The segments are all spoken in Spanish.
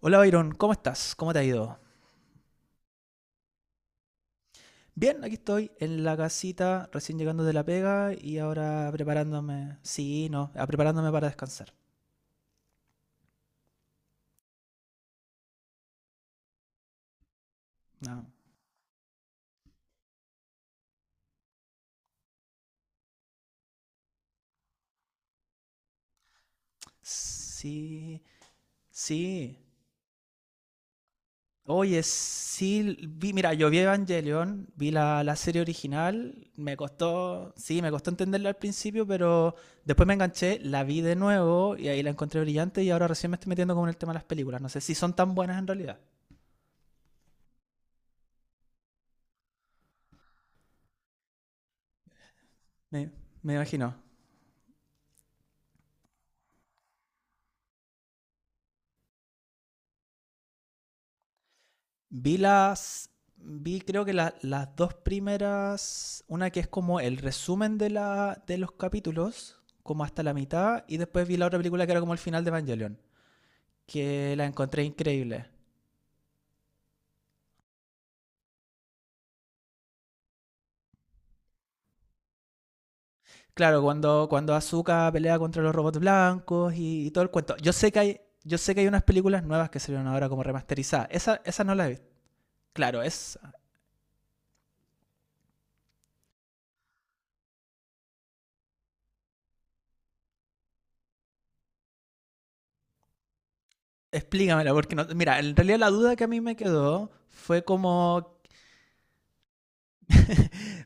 Hola Byron, ¿cómo estás? ¿Cómo te ha ido? Bien, aquí estoy en la casita, recién llegando de la pega y ahora preparándome. Sí, no, preparándome para descansar. No. Sí, sí. Oye, sí, vi, mira, yo vi Evangelion, vi la serie original, me costó, sí, me costó entenderla al principio, pero después me enganché, la vi de nuevo y ahí la encontré brillante y ahora recién me estoy metiendo con el tema de las películas. No sé si son tan buenas en realidad. Me, me imagino. Vi las. Vi creo que las dos primeras. Una que es como el resumen de, la, de los capítulos, como hasta la mitad. Y después vi la otra película que era como el final de Evangelion. Que la encontré increíble. Claro, cuando Asuka pelea contra los robots blancos y todo el cuento. Yo sé que hay. Yo sé que hay unas películas nuevas que salieron ahora como remasterizadas. Esa no la he visto. Claro, es. Explícamela, porque no. Mira, en realidad la duda que a mí me quedó fue como.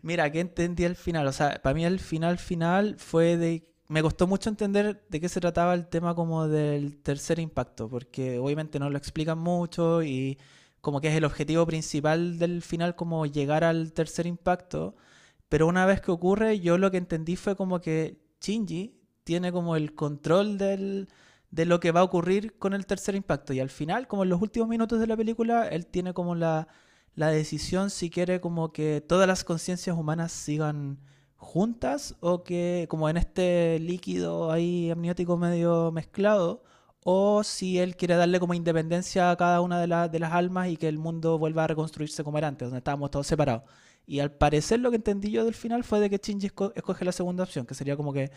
Mira, ¿qué entendí al final? O sea, para mí el final final fue de... Me costó mucho entender de qué se trataba el tema como del tercer impacto, porque obviamente no lo explican mucho y como que es el objetivo principal del final como llegar al tercer impacto, pero una vez que ocurre yo lo que entendí fue como que Shinji tiene como el control de lo que va a ocurrir con el tercer impacto. Y al final, como en los últimos minutos de la película, él tiene como la decisión si quiere como que todas las conciencias humanas sigan juntas o que como en este líquido ahí amniótico medio mezclado o si él quiere darle como independencia a cada una de, de las almas y que el mundo vuelva a reconstruirse como era antes, donde estábamos todos separados. Y al parecer lo que entendí yo del final fue de que Shinji escoge la segunda opción, que sería como que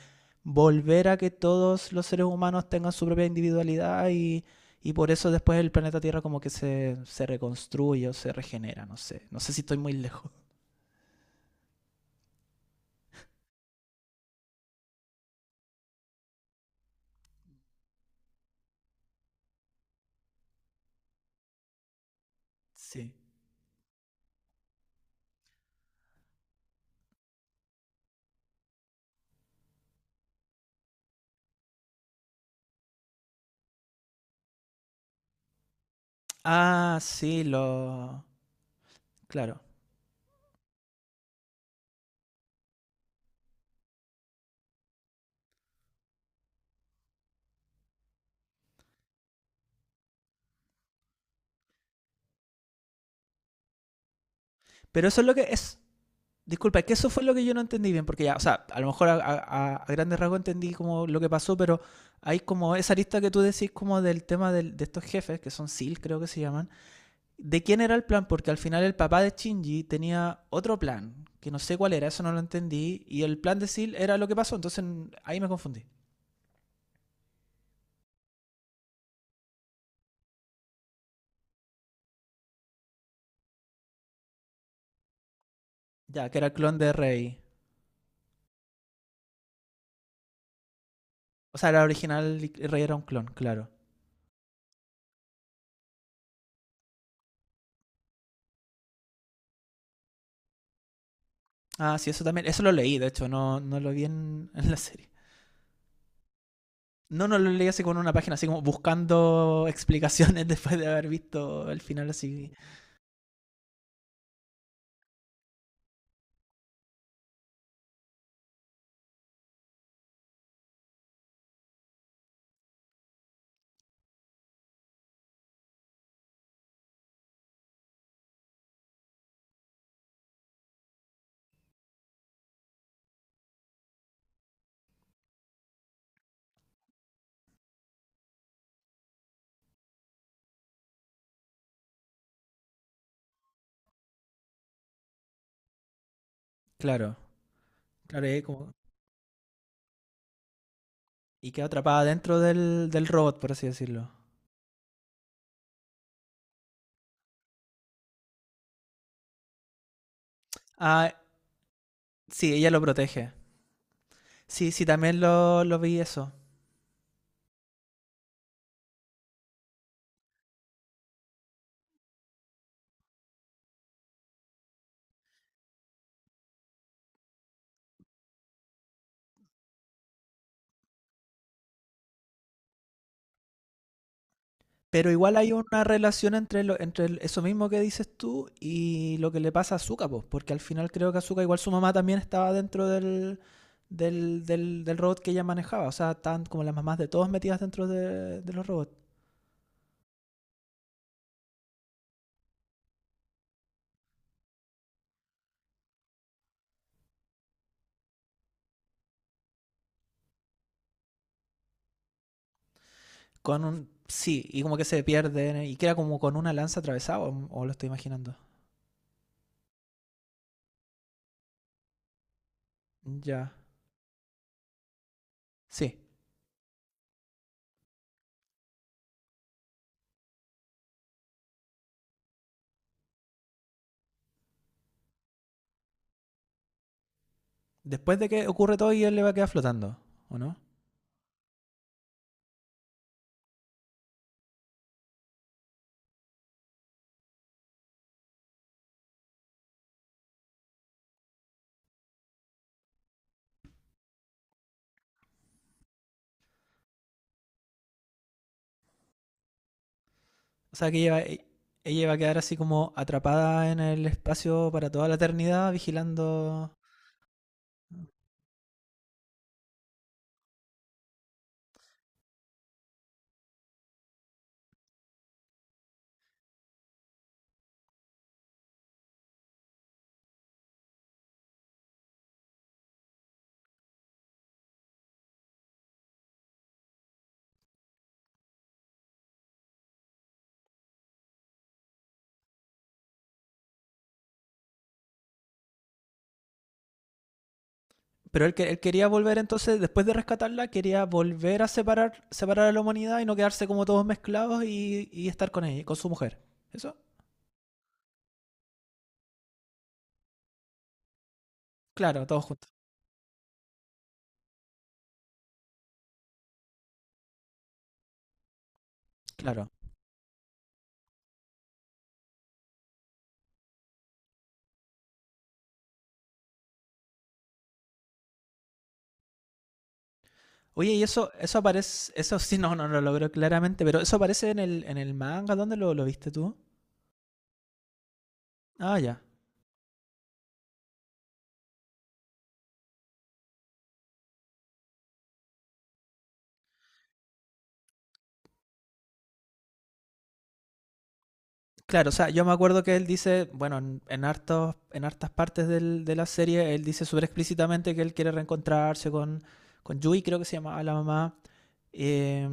volver a que todos los seres humanos tengan su propia individualidad y por eso después el planeta Tierra como que se reconstruye o se regenera, no sé. No sé si estoy muy lejos. Sí. Ah, sí, lo... Claro. Pero eso es lo que es... Disculpa, que eso fue lo que yo no entendí bien, porque ya, o sea, a lo mejor a grandes rasgos entendí como lo que pasó, pero hay como esa lista que tú decís como del tema de estos jefes, que son SEAL creo que se llaman, de quién era el plan, porque al final el papá de Shinji tenía otro plan, que no sé cuál era, eso no lo entendí, y el plan de SEAL era lo que pasó, entonces ahí me confundí. Ya, que era el clon de Rey. O sea, era original y Rey era un clon, claro. Ah, sí, eso también. Eso lo leí, de hecho, no, no lo vi en la serie. No, no lo leí así con una página, así como buscando explicaciones después de haber visto el final así. Claro, claro, y como... Y queda atrapada dentro del robot, por así decirlo. Ah, sí, ella lo protege. Sí, sí, también lo vi eso. Pero igual hay una relación entre, entre eso mismo que dices tú y lo que le pasa a Zuka, pues, porque al final creo que Zuka, igual su mamá también estaba dentro del, del robot que ella manejaba. O sea, estaban como las mamás de todos metidas dentro de los robots. Con un, sí, y como que se pierden y queda como con una lanza atravesada, o lo estoy imaginando. Ya. Sí. Después de que ocurre todo y él le va a quedar flotando, ¿o no? O sea, que ella va a quedar así como atrapada en el espacio para toda la eternidad, vigilando. Pero él, él quería volver entonces, después de rescatarla, quería volver a separar, separar a la humanidad y no quedarse como todos mezclados y estar con ella, con su mujer. ¿Eso? Claro, todos juntos. Claro. Oye, y eso aparece, eso sí, no, no lo logró claramente, pero eso aparece en el manga, ¿dónde lo viste tú? Ah, ya. Claro, o sea, yo me acuerdo que él dice, bueno, en hartos, en hartas partes de la serie, él dice súper explícitamente que él quiere reencontrarse con Yui, creo que se llamaba la mamá. eh,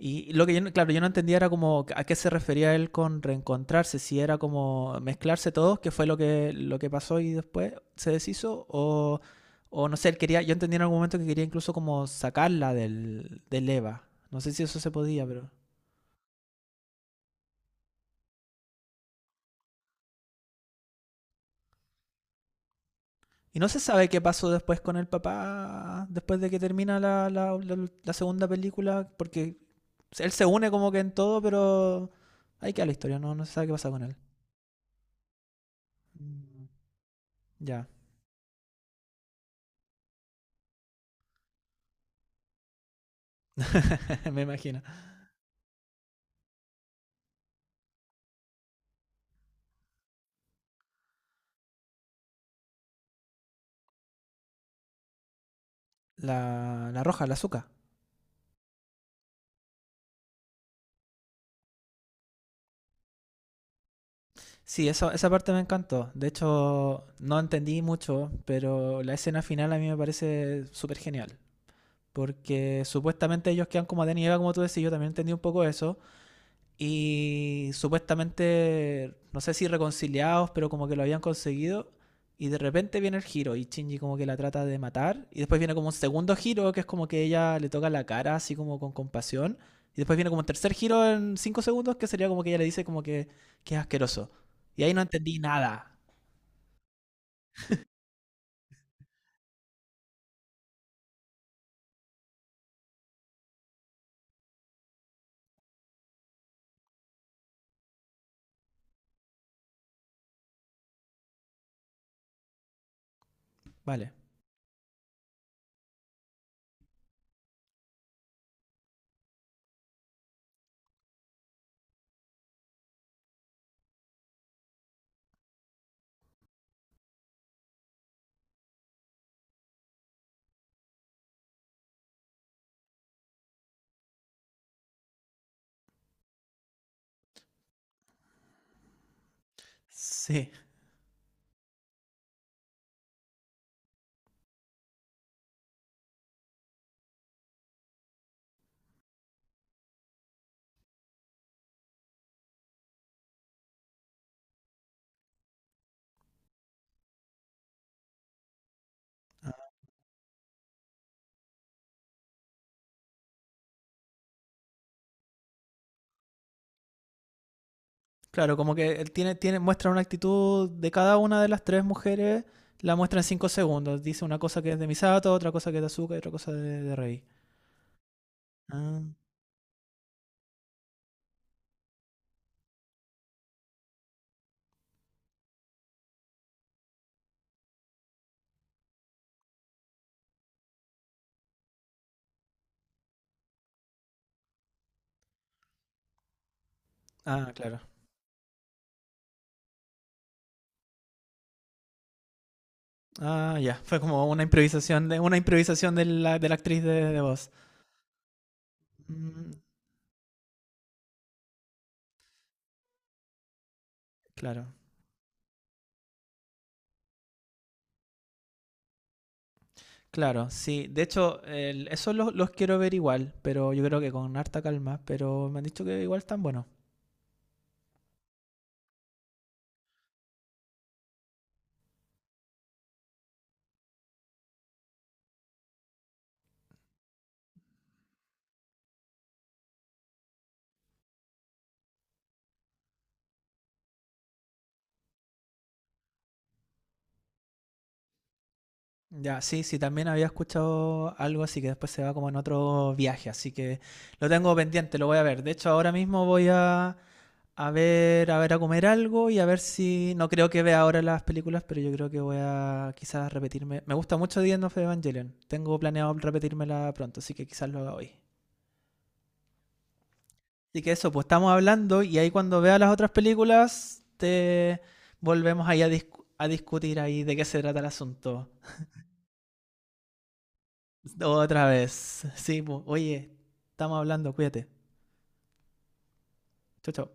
y lo que yo, claro, yo no entendía era como a qué se refería él con reencontrarse, si era como mezclarse todos, que fue lo que pasó y después se deshizo, o no sé, él quería, yo entendí en algún momento que quería incluso como sacarla del Eva. No sé si eso se podía, pero... Y no se sabe qué pasó después con el papá, después de que termina la, la segunda película, porque él se une como que en todo, pero ahí queda la historia, no, no se sabe qué pasa con él. Ya, me imagino. La roja, la azúcar. Sí, eso, esa parte me encantó. De hecho, no entendí mucho, pero la escena final a mí me parece súper genial. Porque supuestamente ellos quedan como Adán y Eva, como tú decís, yo también entendí un poco eso y supuestamente, no sé si reconciliados, pero como que lo habían conseguido. Y de repente viene el giro y Shinji como que la trata de matar. Y después viene como un segundo giro que es como que ella le toca la cara así como con compasión. Y después viene como un tercer giro en 5 segundos que sería como que ella le dice como que es asqueroso. Y ahí no entendí nada. Vale. Sí. Claro, como que él muestra una actitud de cada una de las tres mujeres, la muestra en 5 segundos. Dice una cosa que es de Misato, otra cosa que es de Azuka y otra cosa de Rei. Ah, ah, claro. Ah, ya. Fue como una improvisación de la actriz de voz. Mm, claro, claro, sí. De hecho, esos los quiero ver igual, pero yo creo que con harta calma. Pero me han dicho que igual están buenos. Ya, sí, sí, también había escuchado algo así que después se va como en otro viaje, así que lo tengo pendiente, lo voy a ver. De hecho, ahora mismo voy a ver, a ver, a comer algo y a ver si. No creo que vea ahora las películas, pero yo creo que voy a quizás repetirme. Me gusta mucho The End of Evangelion. Tengo planeado repetírmela pronto, así que quizás lo haga hoy. Así que eso, pues estamos hablando y ahí cuando vea las otras películas, te volvemos ahí a, a discutir ahí de qué se trata el asunto. Otra vez. Sí, pues, oye, estamos hablando, cuídate. Chau, chao.